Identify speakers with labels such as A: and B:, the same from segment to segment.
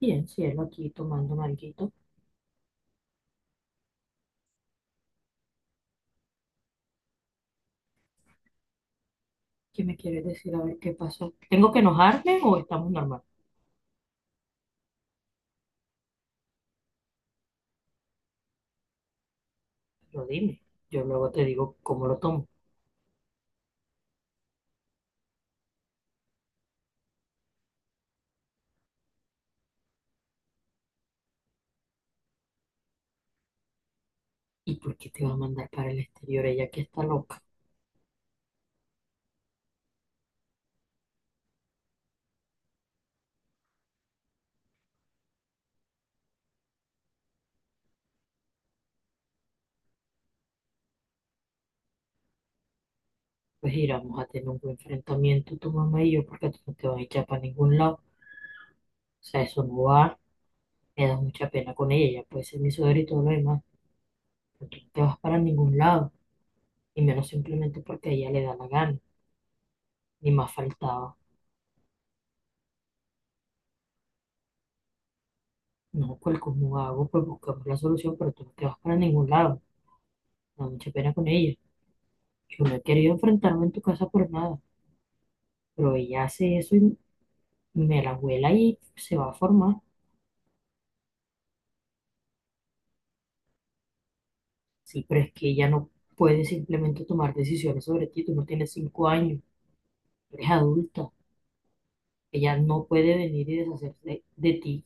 A: Bien, cielo, aquí tomando alguito. ¿Qué me quieres decir? A ver qué pasó. ¿Tengo que enojarme o estamos normal? Lo dime. Yo luego te digo cómo lo tomo. ¿Y por qué te va a mandar para el exterior ella que está loca? Pues iramos a tener un buen enfrentamiento tu mamá y yo porque tú no te vas a echar para ningún lado. O sea, eso no va. Me da mucha pena con ella. Ella puede ser mi suegra y todo lo demás. Pero tú no te vas para ningún lado. Y menos simplemente porque a ella le da la gana. Ni más faltaba. No, pues ¿cómo hago? Pues buscamos la solución, pero tú no te vas para ningún lado. Me da mucha pena con ella. Yo no he querido enfrentarme en tu casa por nada, pero ella hace eso y me la vuela y se va a formar. Sí, pero es que ella no puede simplemente tomar decisiones sobre ti. Tú no tienes 5 años, eres adulta. Ella no puede venir y deshacerse de ti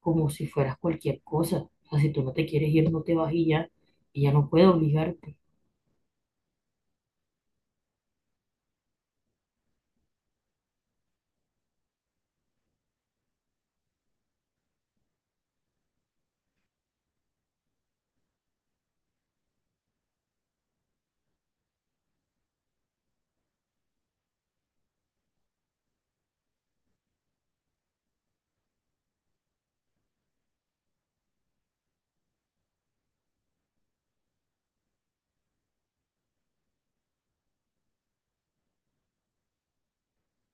A: como si fueras cualquier cosa. O sea, si tú no te quieres ir, no te vas y ya. Ella no puede obligarte.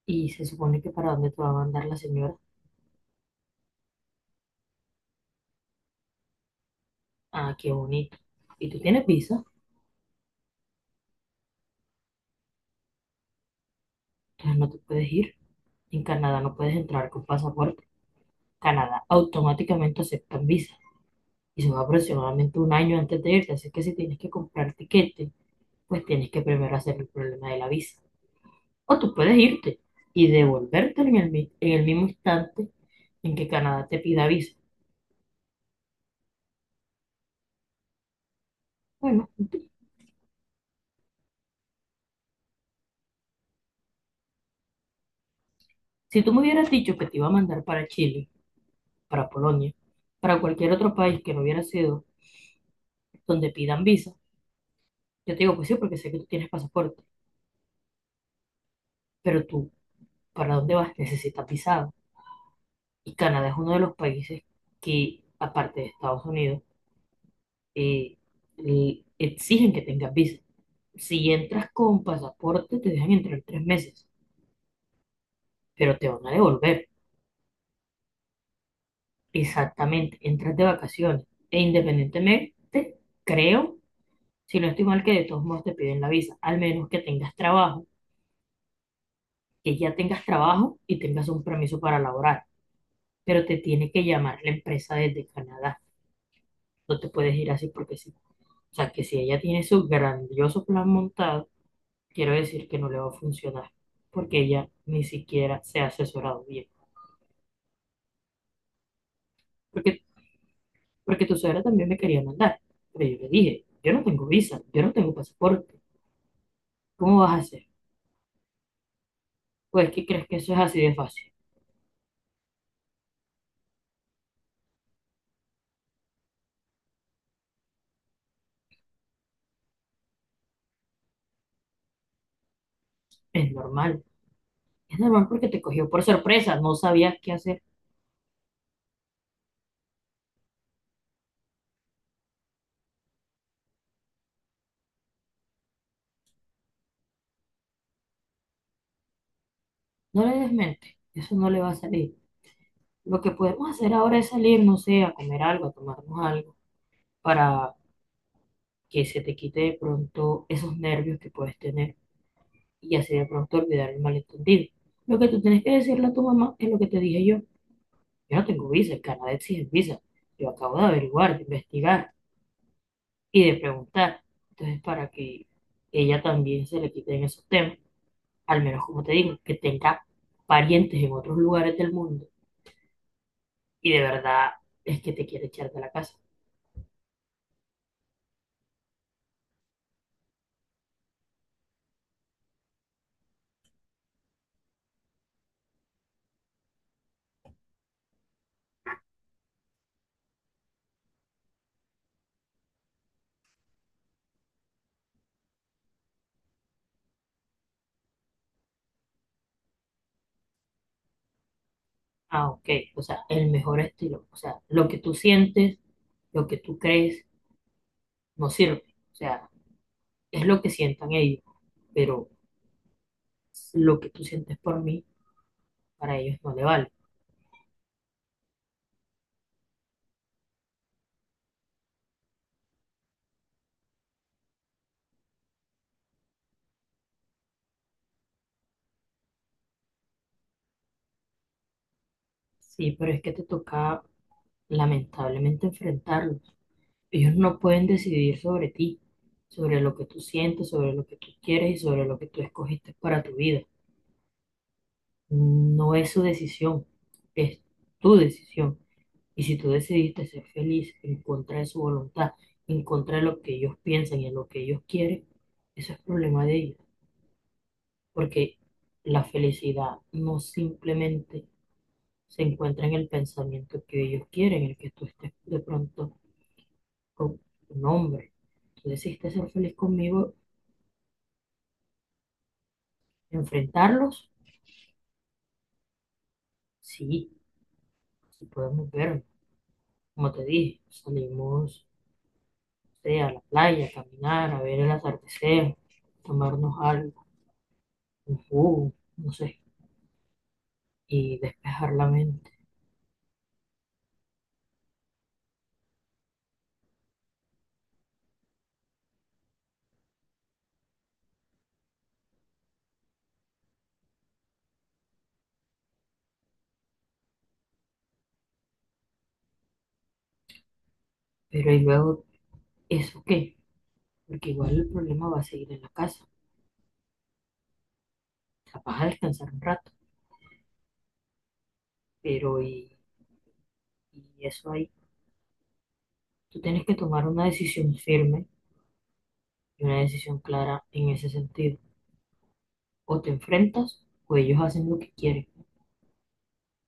A: Y se supone que para dónde te va a mandar la señora. Ah, qué bonito. Y tú tienes visa, entonces no te puedes ir. En Canadá no puedes entrar con pasaporte. Canadá automáticamente aceptan visa y son aproximadamente un año antes de irte. Así que si tienes que comprar tiquete, pues tienes que primero hacer el problema de la visa. O tú puedes irte y devolverte en el, en el mismo instante en que Canadá te pida visa. Bueno, si tú me hubieras dicho que te iba a mandar para Chile, para Polonia, para cualquier otro país que no hubiera sido donde pidan visa, yo te digo, pues sí, porque sé que tú tienes pasaporte, pero tú, ¿para dónde vas? Necesitas visado. Y Canadá es uno de los países que, aparte de Estados Unidos, eh, le exigen que tengas visa. Si entras con pasaporte, te dejan entrar 3 meses, pero te van a devolver. Exactamente, entras de vacaciones. E independientemente, creo, si no estoy mal, que de todos modos te piden la visa, al menos que tengas trabajo, que ya tengas trabajo y tengas un permiso para laborar. Pero te tiene que llamar la empresa desde Canadá. No te puedes ir así porque sí. O sea, que si ella tiene su grandioso plan montado, quiero decir que no le va a funcionar, porque ella ni siquiera se ha asesorado bien. Porque, porque tu suegra también me quería mandar, pero yo le dije, yo no tengo visa, yo no tengo pasaporte, ¿cómo vas a hacer? Pues, ¿qué crees que eso es así de fácil? Es normal, es normal porque te cogió por sorpresa, no sabías qué hacer. No le des mente, eso no le va a salir. Lo que podemos hacer ahora es salir, no sé, a comer algo, a tomarnos algo, para que se te quite de pronto esos nervios que puedes tener y así de pronto olvidar el malentendido. Lo que tú tienes que decirle a tu mamá es lo que te dije yo. Yo no tengo visa, el Canadá exige visa. Yo acabo de averiguar, de investigar y de preguntar. Entonces, para que ella también se le quite en esos temas, al menos como te digo, que tenga parientes en otros lugares del mundo y de verdad es que te quiere echar de la casa. Ah, ok, o sea, el mejor estilo, o sea, lo que tú sientes, lo que tú crees, no sirve. O sea, es lo que sientan ellos, pero lo que tú sientes por mí, para ellos no le vale. Sí, pero es que te toca lamentablemente enfrentarlos. Ellos no pueden decidir sobre ti, sobre lo que tú sientes, sobre lo que tú quieres y sobre lo que tú escogiste para tu vida. No es su decisión, es tu decisión. Y si tú decidiste ser feliz en contra de su voluntad, en contra de lo que ellos piensan y en lo que ellos quieren, eso es problema de ellos. Porque la felicidad no simplemente se encuentra en el pensamiento que ellos quieren, el que tú estés de pronto con un hombre. Tú decidiste ser feliz conmigo, enfrentarlos, sí, sí podemos vernos. Como te dije, salimos no a la playa, a caminar, a ver el atardecer, tomarnos algo, un jugo, no sé, y despejar la mente. Pero y luego, ¿eso qué? Porque igual el problema va a seguir en la casa. Capaz a descansar un rato, pero y eso ahí. Tú tienes que tomar una decisión firme y una decisión clara en ese sentido. O te enfrentas o ellos hacen lo que quieren.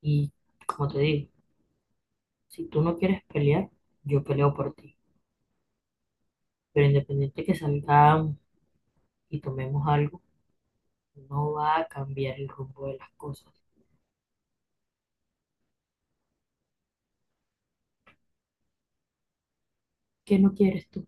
A: Y como te digo, si tú no quieres pelear, yo peleo por ti. Pero independiente de que salgamos y tomemos algo, no va a cambiar el rumbo de las cosas. ¿Qué no quieres tú?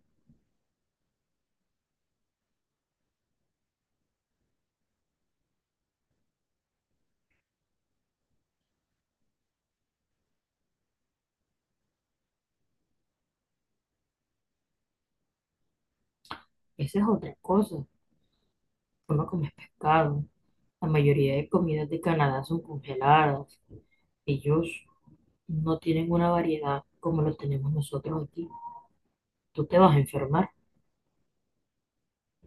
A: Esa es otra cosa. Tú no comes pescado. La mayoría de comidas de Canadá son congeladas. Ellos no tienen una variedad como lo tenemos nosotros aquí. Tú te vas a enfermar.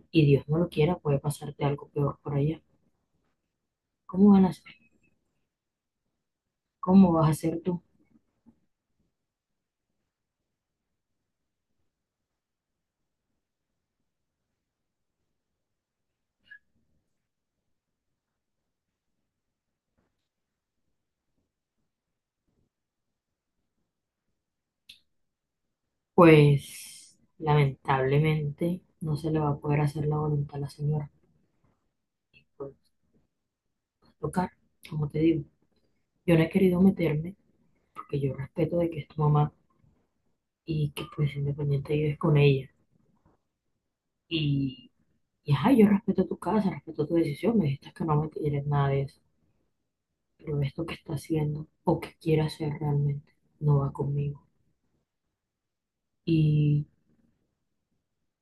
A: Y Dios no lo quiera, puede pasarte algo peor por allá. ¿Cómo van a hacer? ¿Cómo vas a hacer tú? Pues lamentablemente no se le va a poder hacer la voluntad a la señora. Por tocar, como te digo, yo no he querido meterme porque yo respeto de que es tu mamá y que pues independiente vives con ella. Y, y ajá, yo respeto tu casa, respeto tu decisión, me dijiste que no me quieres nada de eso. Pero esto que está haciendo o que quiere hacer realmente no va conmigo. Y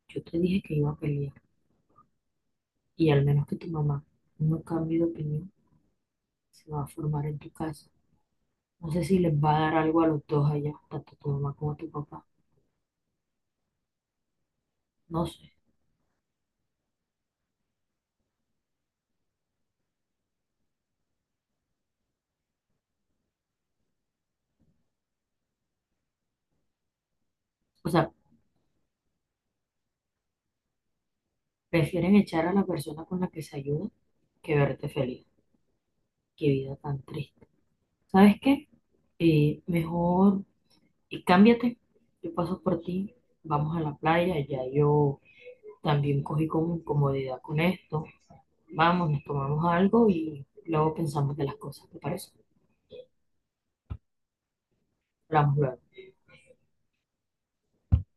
A: yo te dije que iba a pelear. Y al menos que tu mamá no cambie de opinión, se va a formar en tu casa. No sé si les va a dar algo a los dos allá, tanto tu mamá como tu papá. No sé. O sea, prefieren echar a la persona con la que se ayuda que verte feliz. Qué vida tan triste. ¿Sabes qué? Mejor cámbiate. Yo paso por ti. Vamos a la playa. Ya yo también cogí como incomodidad con esto. Vamos, nos tomamos algo y luego pensamos de las cosas. ¿Te parece? Hablamos luego.